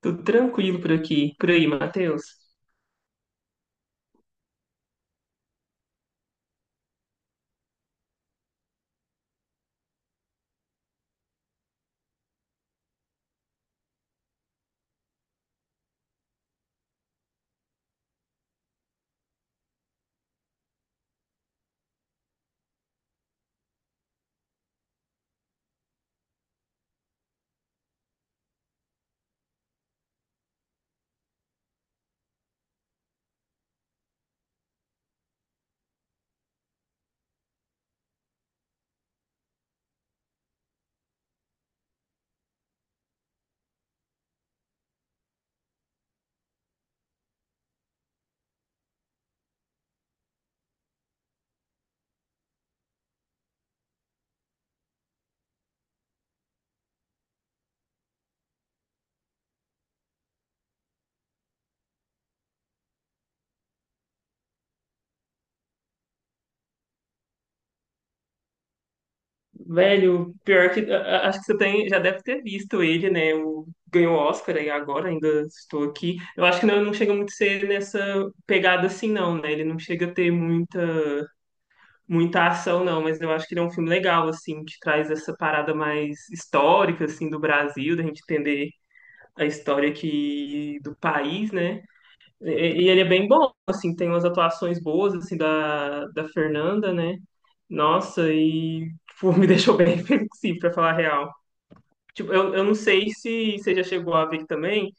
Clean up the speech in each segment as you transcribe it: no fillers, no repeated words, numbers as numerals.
Tudo tranquilo por aqui. Por aí, Matheus. Velho, pior que acho que você tem, já deve ter visto ele, né? O, ganhou o Oscar aí agora, ainda estou aqui. Eu acho que não, não chega muito a ser nessa pegada assim, não, né? Ele não chega a ter muita ação, não, mas eu acho que ele é um filme legal, assim, que traz essa parada mais histórica, assim, do Brasil, da gente entender a história aqui do país, né? E, e ele é bem bom, assim, tem umas atuações boas, assim, da Fernanda, né? Nossa, e, tipo, me deixou bem reflexivo, pra falar a real. Tipo, eu não sei se você já chegou a ver também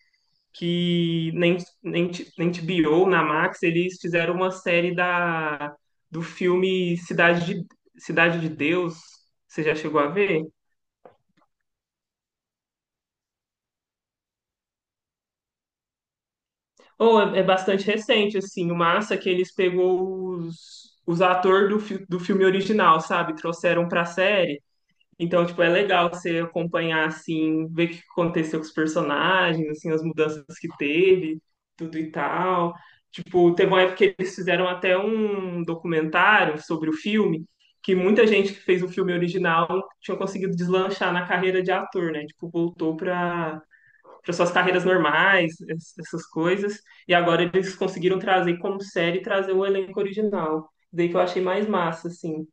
que nem, nem, T- nem HBO, na Max, eles fizeram uma série do filme Cidade de Deus. Você já chegou a ver? Ou é bastante recente, assim. O massa é que eles pegou os atores do filme original, sabe? Trouxeram pra série. Então, tipo, é legal você acompanhar, assim, ver o que aconteceu com os personagens, assim, as mudanças que teve, tudo e tal. Tipo, teve uma época que eles fizeram até um documentário sobre o filme, que muita gente que fez o filme original tinha conseguido deslanchar na carreira de ator, né? Tipo, voltou pra para suas carreiras normais, essas coisas. E agora eles conseguiram trazer como série, trazer o elenco original. Daí que eu achei mais massa, assim.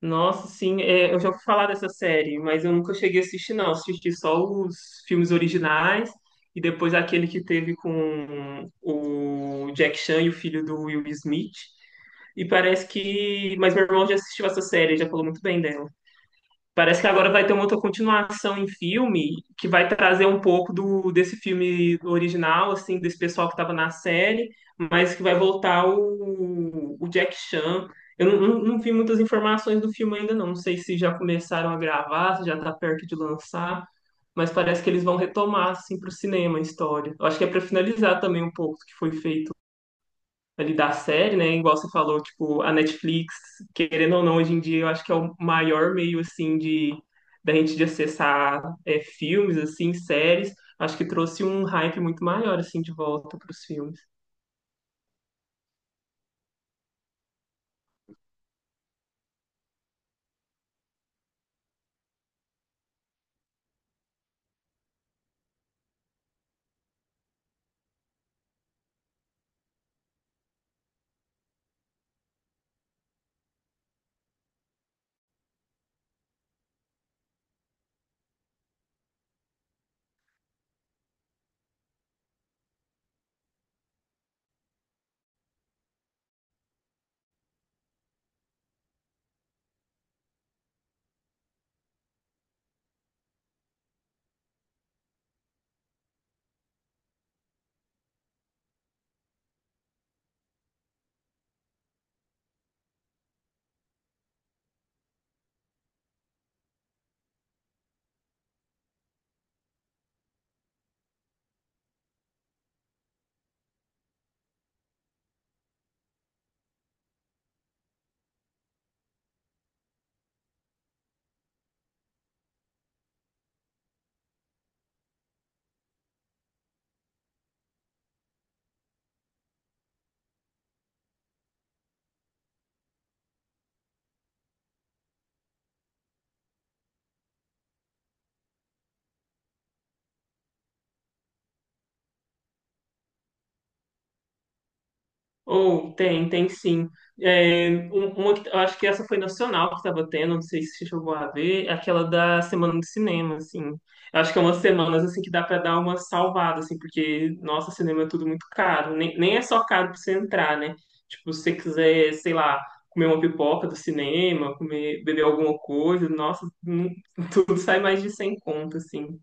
Nossa, sim, é, eu já ouvi falar dessa série, mas eu nunca cheguei a assistir, não. Assisti só os filmes originais e depois aquele que teve com o Jack Chan e o filho do Will Smith. E parece que. Mas meu irmão já assistiu essa série, já falou muito bem dela. Parece que agora vai ter uma outra continuação em filme que vai trazer um pouco do desse filme original, assim, desse pessoal que estava na série, mas que vai voltar o Jack Chan. Eu não vi muitas informações do filme ainda, não. Não sei se já começaram a gravar, se já está perto de lançar, mas parece que eles vão retomar, assim, para o cinema a história. Eu acho que é para finalizar também um pouco do que foi feito ali da série, né? Igual você falou, tipo, a Netflix, querendo ou não, hoje em dia eu acho que é o maior meio assim de da gente de acessar é, filmes, assim, séries. Acho que trouxe um hype muito maior assim de volta para os filmes. Ou tem, tem sim. É, eu acho que essa foi nacional que estava tendo, não sei se você chegou a ver, é aquela da semana de cinema, assim. Eu acho que é umas semanas assim que dá para dar uma salvada, assim, porque, nossa, cinema é tudo muito caro. Nem é só caro para você entrar, né? Tipo, se você quiser, sei lá, comer uma pipoca do cinema, comer, beber alguma coisa, nossa, não- tudo sai mais de 100 conto, assim.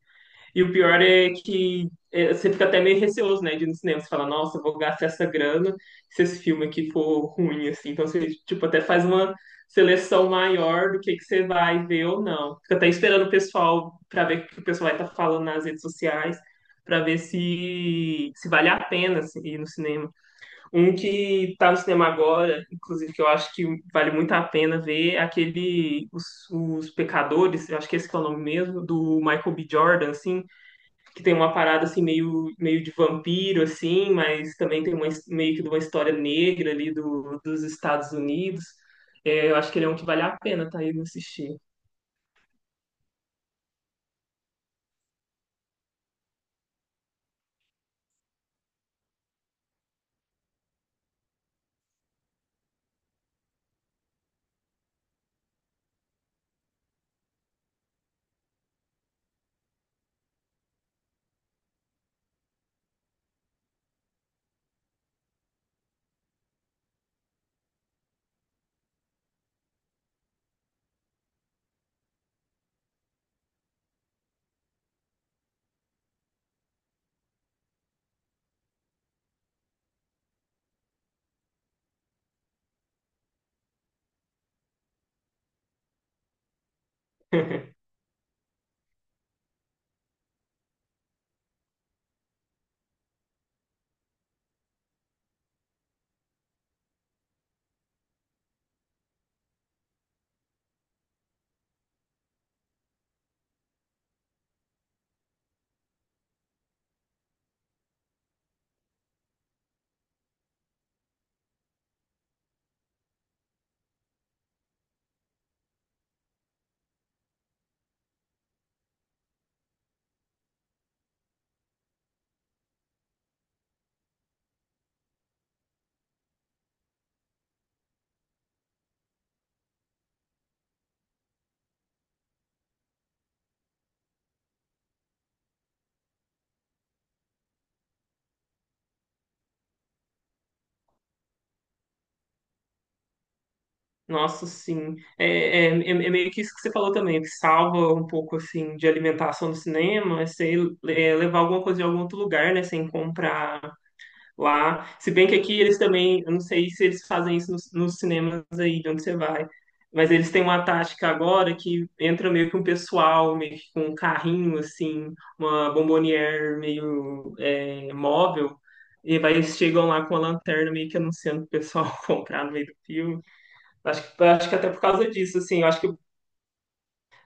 E o pior é que é, você fica até meio receoso, né, de ir no cinema. Você fala, nossa, eu vou gastar essa grana se esse filme aqui for ruim, assim. Então você, tipo, até faz uma seleção maior do que você vai ver ou não. Fica até esperando o pessoal para ver o que o pessoal vai estar falando nas redes sociais, para ver se vale a pena assim, ir no cinema. Um que tá no cinema agora, inclusive, que eu acho que vale muito a pena ver, é Os Pecadores, eu acho que esse que é o nome mesmo, do Michael B. Jordan, assim, que tem uma parada assim meio de vampiro assim, mas também tem uma, his- meio que de uma história negra dos Estados Unidos. É, eu acho que ele é um que vale a pena tá aí assistir. Nossa, sim. É meio que isso que você falou também, que salva um pouco assim de alimentação do cinema, é você é, levar alguma coisa de algum outro lugar, né, sem comprar lá. Se bem que aqui eles também, eu não sei se eles fazem isso nos cinemas aí de onde você vai, mas eles têm uma tática agora que entra meio que um pessoal, meio que com um carrinho, assim, uma bombonière meio é, móvel, e vai, eles chegam lá com a lanterna meio que anunciando o pessoal comprar no meio do filme. Acho que até por causa disso, assim, eu acho que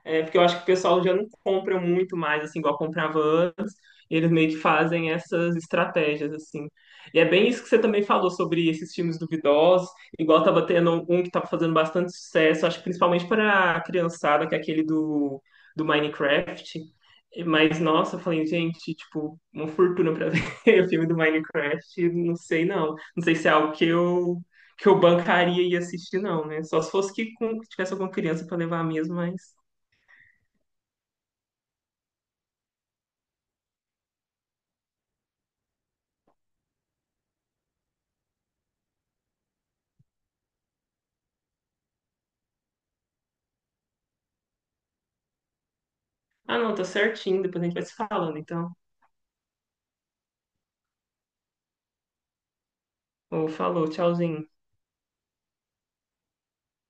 é, porque eu acho que o pessoal já não compra muito mais, assim, igual comprava antes. E eles meio que fazem essas estratégias, assim. E é bem isso que você também falou sobre esses filmes duvidosos. Igual tava tendo um que tava fazendo bastante sucesso, acho que principalmente para a criançada, que é aquele do Minecraft. Mas, nossa, eu falei, gente, tipo, uma fortuna pra ver o filme do Minecraft. Não sei, não. Não sei se é algo que que eu bancaria e assistir, não, né? Só se fosse que com- tivesse alguma criança pra levar mesmo, mas... Ah, não, tá certinho. Depois a gente vai se falando, então. Ou falou, tchauzinho.